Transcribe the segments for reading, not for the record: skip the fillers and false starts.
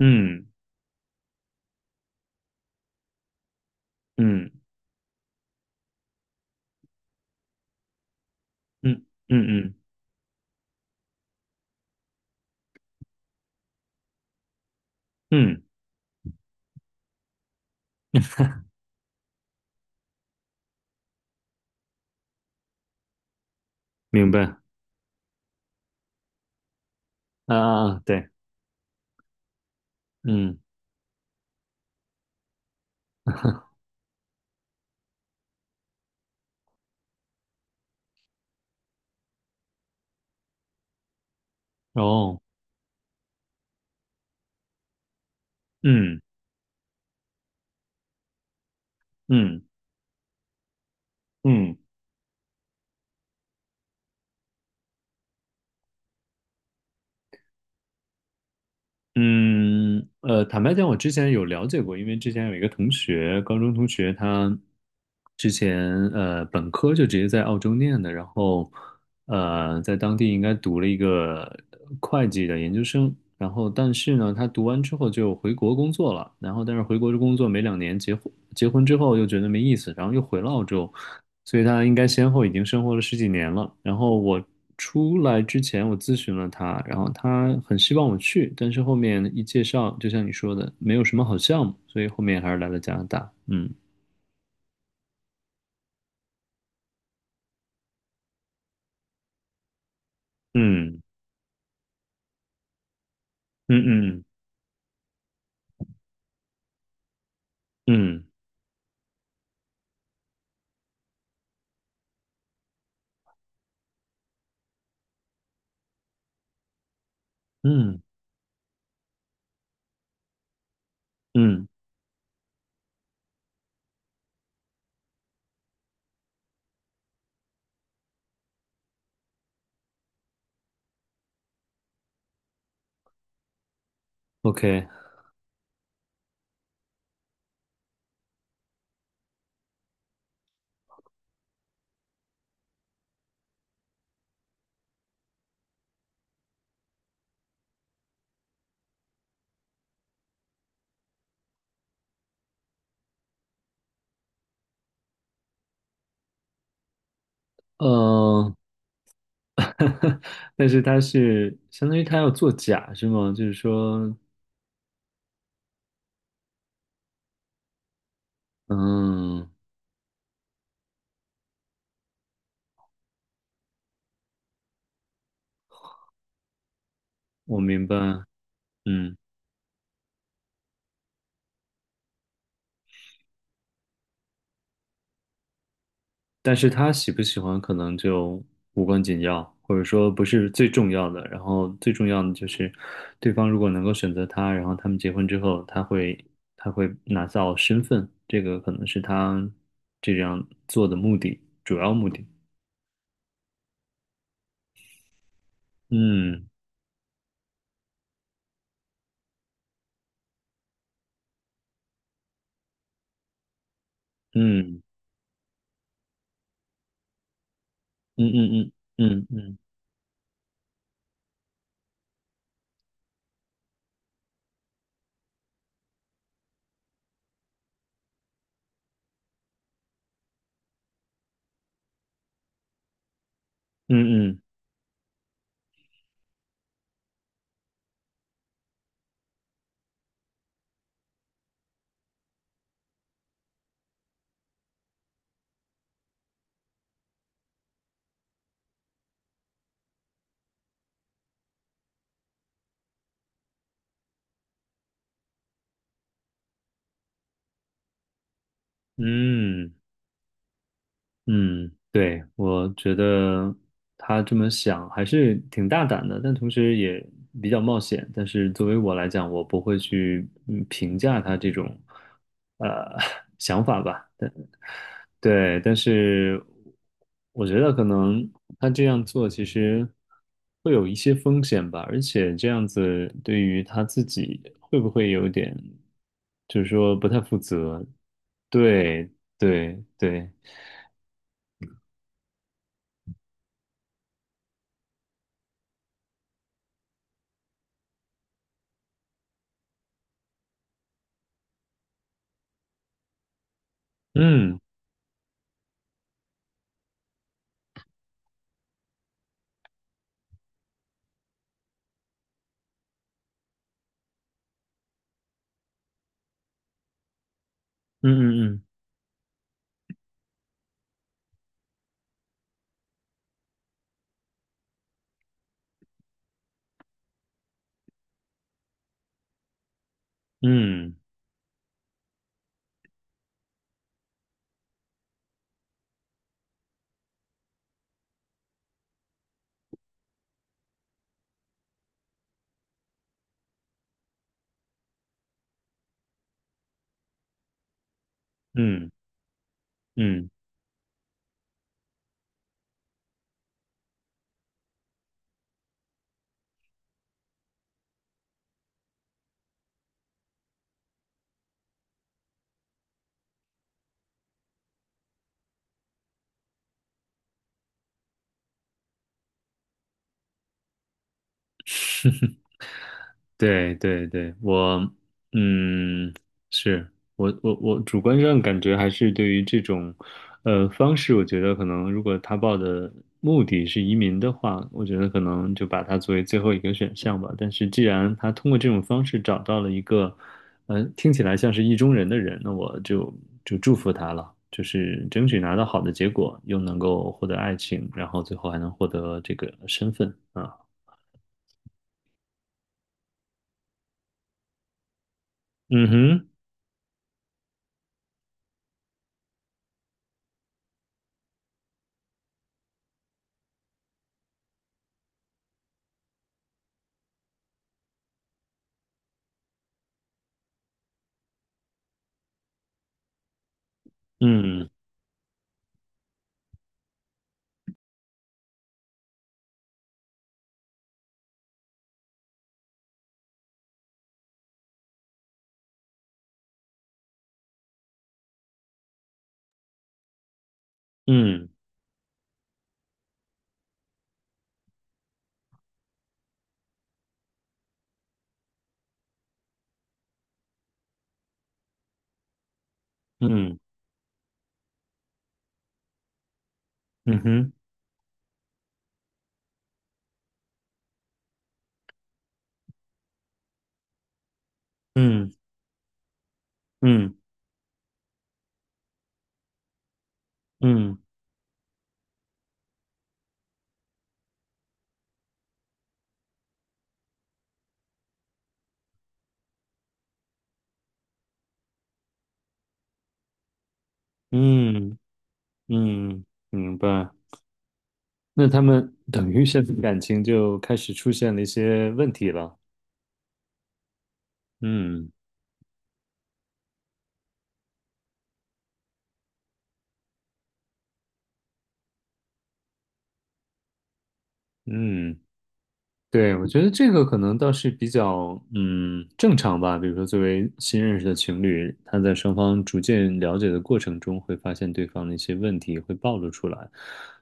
嗯。嗯。嗯。嗯。嗯。嗯。明白。啊啊啊，对。嗯。哦。嗯。嗯。嗯。嗯。坦白讲，我之前有了解过，因为之前有一个同学，高中同学，他之前本科就直接在澳洲念的，然后在当地应该读了一个会计的研究生，然后但是呢，他读完之后就回国工作了，然后但是回国工作没两年结婚，结婚之后又觉得没意思，然后又回了澳洲，所以他应该先后已经生活了十几年了。然后我出来之前，我咨询了他，然后他很希望我去，但是后面一介绍，就像你说的，没有什么好项目，所以后面还是来了加拿大。嗯。嗯。嗯。嗯。嗯。嗯。嗯。OK。呃，但是他是相当于他要做假是吗？就是说，嗯，我明白。嗯但是他喜不喜欢可能就无关紧要，或者说不是最重要的。然后最重要的就是，对方如果能够选择他，然后他们结婚之后，他会拿到身份，这个可能是他这样做的目的，主要目的。嗯。嗯。嗯。嗯。嗯。嗯。嗯。嗯。嗯。嗯。嗯。对，我觉得他这么想还是挺大胆的，但同时也比较冒险。但是作为我来讲，我不会去评价他这种呃 想法吧。但对，但是我觉得可能他这样做其实会有一些风险吧，而且这样子对于他自己会不会有点，就是说不太负责？对，对，对。嗯。嗯。嗯。嗯。嗯。嗯。嗯。对对对。我嗯，是我主观上感觉还是对于这种方式，我觉得可能如果他报的目的是移民的话，我觉得可能就把它作为最后一个选项吧。但是既然他通过这种方式找到了一个听起来像是意中人的人，那我就祝福他了，就是争取拿到好的结果，又能够获得爱情，然后最后还能获得这个身份啊。嗯哼。嗯。嗯。嗯。嗯哼。嗯。嗯。嗯。嗯。嗯。明白。那他们等于现在感情就开始出现了一些问题了。嗯。嗯。对，我觉得这个可能倒是比较正常吧。比如说，作为新认识的情侣，他在双方逐渐了解的过程中，会发现对方的一些问题会暴露出来。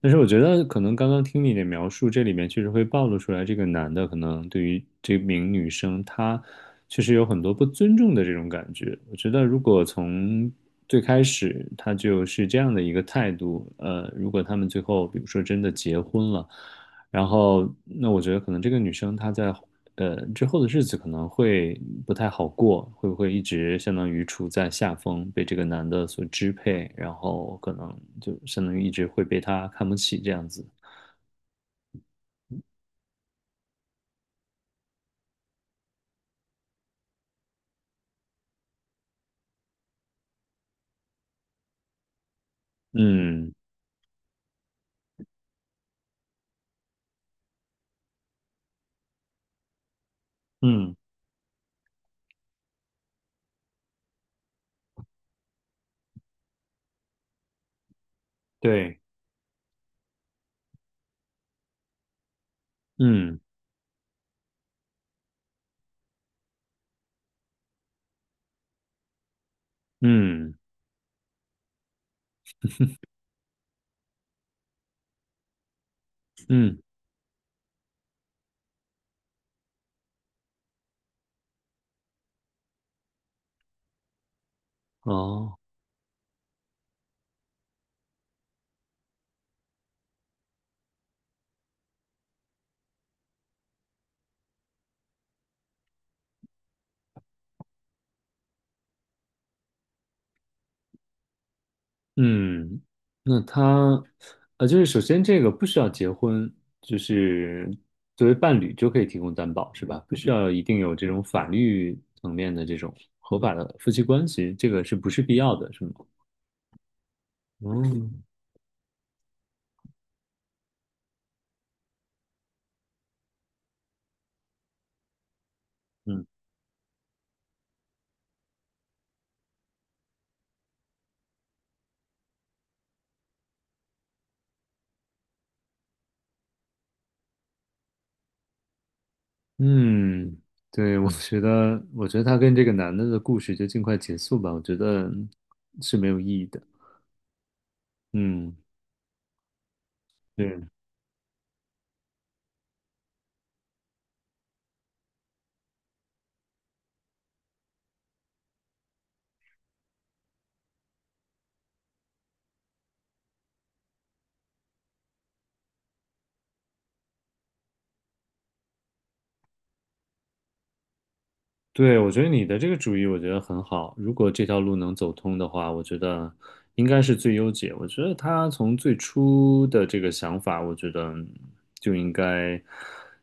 但是我觉得，可能刚刚听你的描述，这里面确实会暴露出来，这个男的可能对于这名女生，他确实有很多不尊重的这种感觉。我觉得，如果从最开始他就是这样的一个态度，如果他们最后比如说真的结婚了。然后，那我觉得可能这个女生她在之后的日子可能会不太好过，会不会一直相当于处在下风，被这个男的所支配，然后可能就相当于一直会被他看不起这样子。嗯。嗯。对。嗯。嗯。嗯。哦。嗯。那他，就是首先这个不需要结婚，就是作为伴侣就可以提供担保，是吧？不需要一定有这种法律层面的这种合法的夫妻关系，这个是不是必要的，是吗？嗯。嗯。嗯。对，我觉得，我觉得他跟这个男的的故事就尽快结束吧，我觉得是没有意义的。嗯。对。对，我觉得你的这个主意我觉得很好。如果这条路能走通的话，我觉得应该是最优解。我觉得他从最初的这个想法，我觉得就应该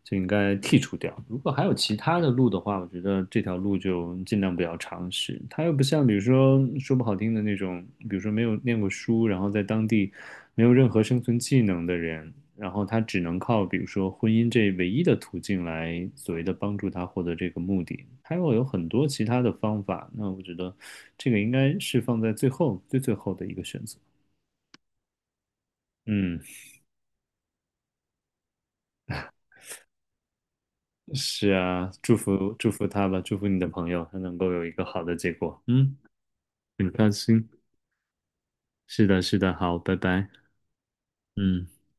就应该剔除掉。如果还有其他的路的话，我觉得这条路就尽量不要尝试。他又不像，比如说说不好听的那种，比如说没有念过书，然后在当地没有任何生存技能的人，然后他只能靠比如说婚姻这唯一的途径来所谓的帮助他获得这个目的，他有很多其他的方法。那我觉得这个应该是放在最后最最后的一个选择。嗯。是啊，祝福祝福他吧，祝福你的朋友，他能够有一个好的结果。嗯。很开心。是的，是的，好，拜拜。嗯。